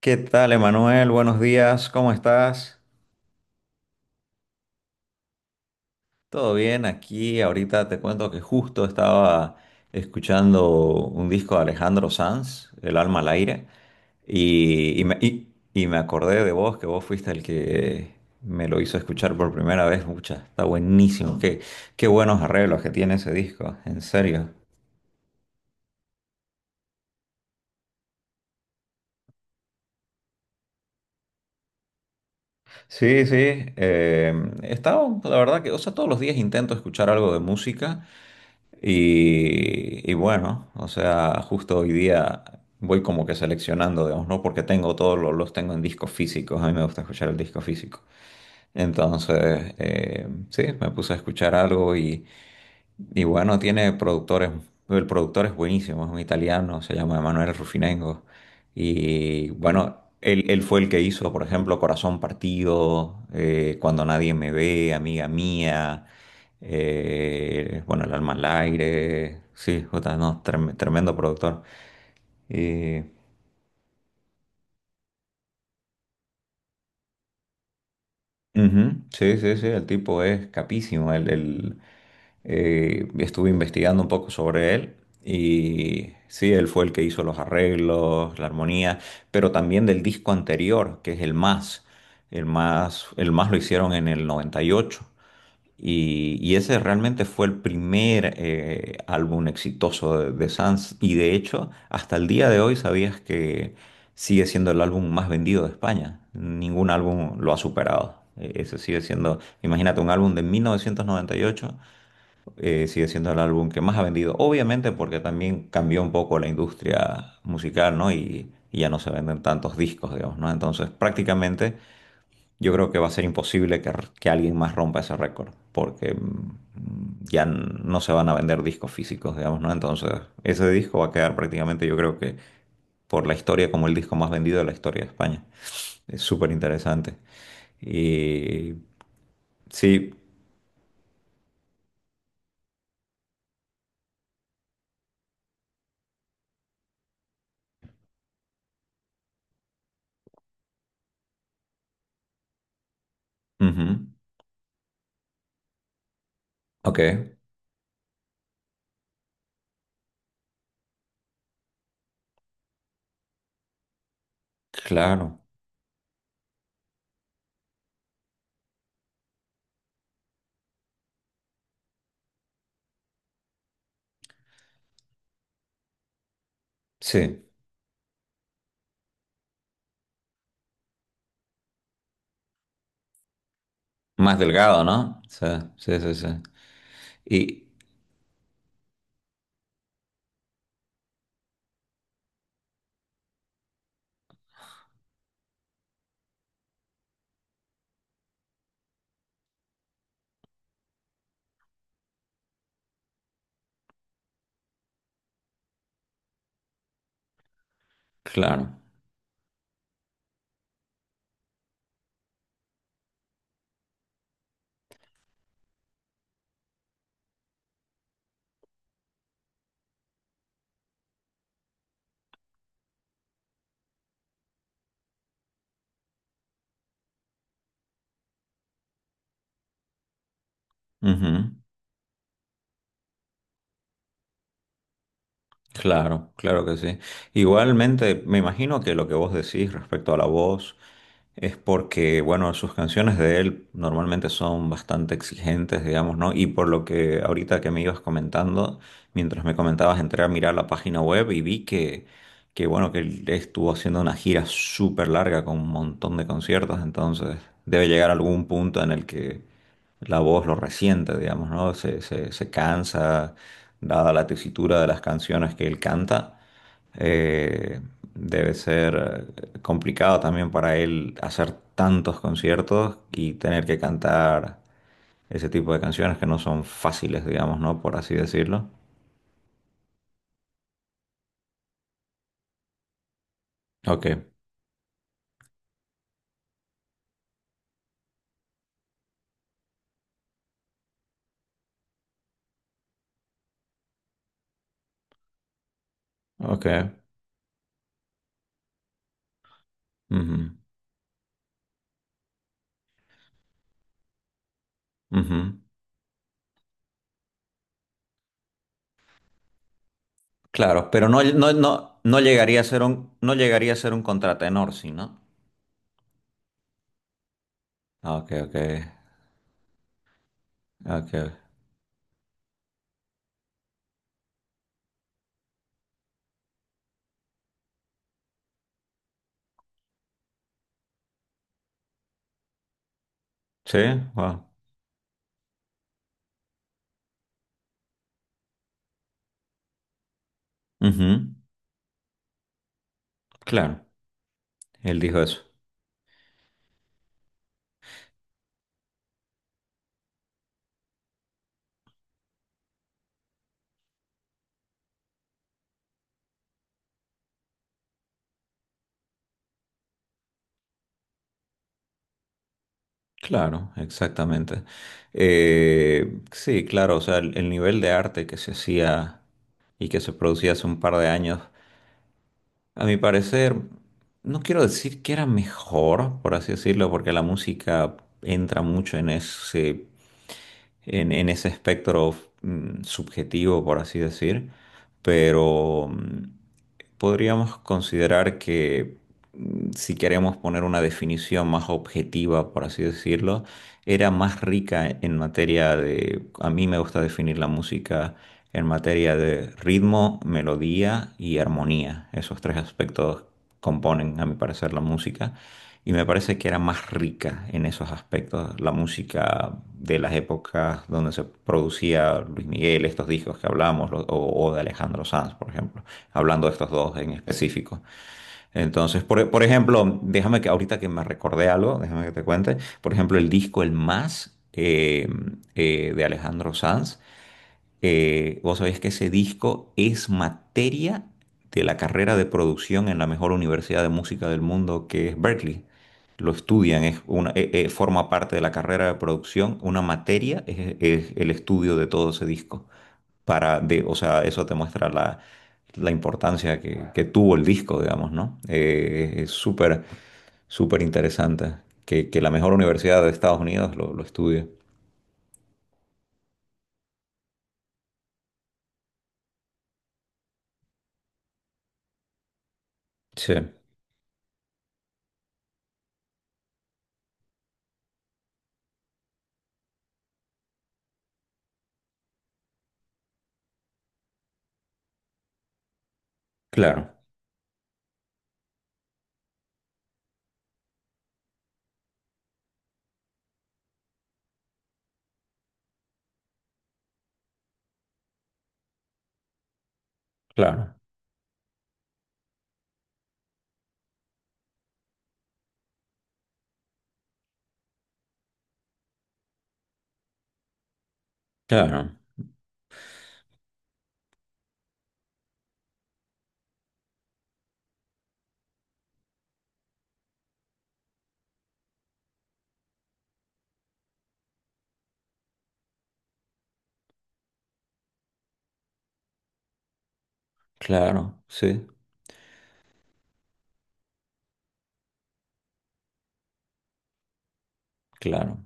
¿Qué tal, Emanuel? Buenos días, ¿cómo estás? ¿Todo bien? Aquí ahorita te cuento que justo estaba escuchando un disco de Alejandro Sanz, El alma al aire, y me acordé de vos, que vos fuiste el que me lo hizo escuchar por primera vez. Mucha, está buenísimo. Qué buenos arreglos que tiene ese disco, en serio. Sí, sí. eh, He estado, la verdad que, o sea, todos los días intento escuchar algo de música. Y bueno, o sea, justo hoy día voy como que seleccionando, digamos, ¿no? Porque tengo todos los tengo en discos físicos, a mí me gusta escuchar el disco físico. Entonces, sí, me puse a escuchar algo y bueno, tiene productores, el productor es buenísimo, es un italiano, se llama Emanuele Rufinengo. Y bueno, él fue el que hizo, por ejemplo, Corazón Partido, Cuando Nadie Me Ve, Amiga Mía, bueno, El Alma al Aire, sí, jota, no, tremendo productor. Eh, Ujú. Sí, sí, sí, el tipo es capísimo. Estuve investigando un poco sobre él y sí, él fue el que hizo los arreglos, la armonía, pero también del disco anterior, que es el Más. El Más lo hicieron en el 98. Y ese realmente fue el primer álbum exitoso de Sanz. Y de hecho, hasta el día de hoy sabías que sigue siendo el álbum más vendido de España. Ningún álbum lo ha superado. Ese sigue siendo, imagínate, un álbum de 1998, sigue siendo el álbum que más ha vendido. Obviamente porque también cambió un poco la industria musical, ¿no? Y ya no se venden tantos discos, digamos, ¿no? Entonces, prácticamente yo creo que va a ser imposible que alguien más rompa ese récord, porque ya no se van a vender discos físicos, digamos, ¿no? Entonces, ese disco va a quedar prácticamente, yo creo que por la historia, como el disco más vendido de la historia de España. Es súper interesante. Y sí, ujú, ok, claro, sí. Más delgado, ¿no? Sí, sí, sí, sí. Y claro. Ujú. Claro, claro que sí. Igualmente, me imagino que lo que vos decís respecto a la voz, es porque, bueno, sus canciones de él normalmente son bastante exigentes, digamos, ¿no? Y por lo que ahorita que me ibas comentando, mientras me comentabas, entré a mirar la página web y vi que bueno, que él estuvo haciendo una gira súper larga con un montón de conciertos, entonces debe llegar algún punto en el que la voz lo resiente, digamos, ¿no? Se cansa, dada la tesitura de las canciones que él canta. Eh, Debe ser complicado también para él hacer tantos conciertos y tener que cantar ese tipo de canciones que no son fáciles, digamos, ¿no? Por así decirlo. Ok, ok. Ujú, ujú. Claro, pero no, no, no, no llegaría a ser un, no llegaría a ser un contratenor, ¿sí, no? Ah, ok, ok, ok. Sí, wow. Ujú, claro, él dijo eso. Claro, exactamente. Sí, claro, o sea, el nivel de arte que se hacía y que se producía hace un par de años, a mi parecer, no quiero decir que era mejor, por así decirlo, porque la música entra mucho en en ese espectro subjetivo, por así decir, pero podríamos considerar que si queremos poner una definición más objetiva, por así decirlo, era más rica en materia de, a mí me gusta definir la música en materia de ritmo, melodía y armonía. Esos tres aspectos componen, a mi parecer, la música. Y me parece que era más rica en esos aspectos la música de las épocas donde se producía Luis Miguel, estos discos que hablamos, o de Alejandro Sanz, por ejemplo, hablando de estos dos en específico. Entonces, por ejemplo, déjame que ahorita que me recordé algo, déjame que te cuente, por ejemplo, el disco El Más de Alejandro Sanz. Vos sabés que ese disco es materia de la carrera de producción en la mejor universidad de música del mundo, que es Berkeley. Lo estudian, es una, forma parte de la carrera de producción. Una materia es el estudio de todo ese disco. Para de, o sea, eso te muestra la, la importancia que tuvo el disco, digamos, ¿no? Es súper, súper interesante que la mejor universidad de Estados Unidos lo estudie. Sí, claro, claro, claro. Claro, sí, claro.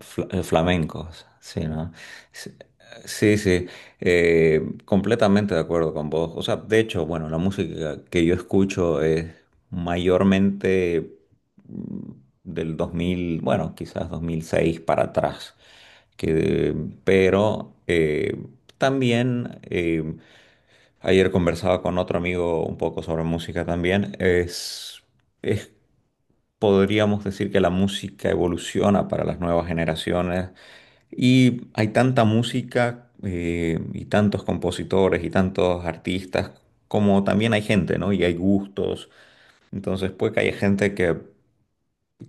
Flamencos, sí, ¿no? Sí, sí, sí, completamente de acuerdo con vos. O sea, de hecho, bueno, la música que yo escucho es mayormente mm, del 2000, bueno, quizás 2006 para atrás. Que, pero también, ayer conversaba con otro amigo un poco sobre música también, es podríamos decir que la música evoluciona para las nuevas generaciones y hay tanta música y tantos compositores y tantos artistas como también hay gente, ¿no? Y hay gustos. Entonces puede que haya gente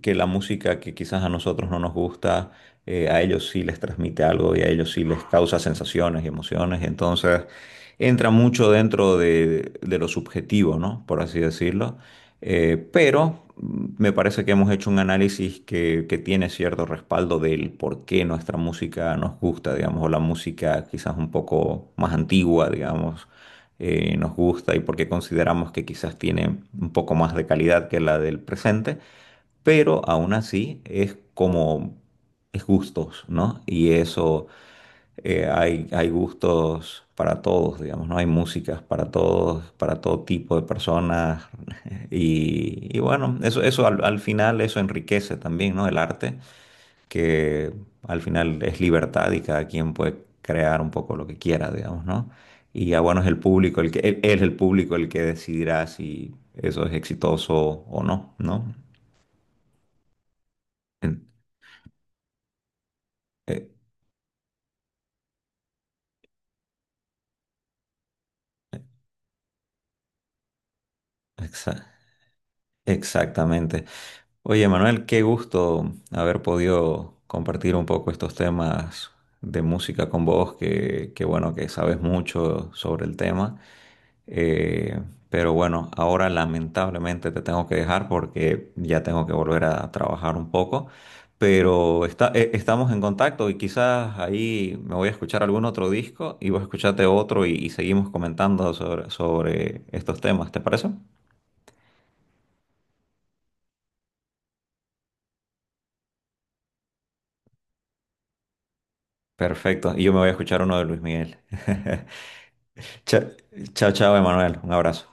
que la música que quizás a nosotros no nos gusta, a ellos sí les transmite algo y a ellos sí les causa sensaciones y emociones. Entonces, entra mucho dentro de lo subjetivo, ¿no? Por así decirlo. Pero me parece que hemos hecho un análisis que tiene cierto respaldo del por qué nuestra música nos gusta, digamos, o la música quizás un poco más antigua, digamos. Nos gusta y por qué consideramos que quizás tiene un poco más de calidad que la del presente, pero aún así es como, es gustos, ¿no? Y eso, hay, hay gustos para todos, digamos, ¿no? Hay músicas para todos, para todo tipo de personas, y bueno, eso al, al final, eso enriquece también, ¿no? El arte, que al final es libertad y cada quien puede crear un poco lo que quiera, digamos, ¿no? Y ya bueno, es el público el que decidirá si eso es exitoso o no, ¿no? En- eh, Exa- Exactamente. Oye, Manuel, qué gusto haber podido compartir un poco estos temas de música con vos, que bueno, que sabes mucho sobre el tema. Eh, pero bueno, ahora lamentablemente te tengo que dejar porque ya tengo que volver a trabajar un poco. Pero está, estamos en contacto y quizás ahí me voy a escuchar algún otro disco y vos escuchate otro y seguimos comentando sobre, sobre estos temas, ¿te parece? Perfecto. Y yo me voy a escuchar uno de Luis Miguel. Cha- Chao, chao, Emanuel. Un abrazo.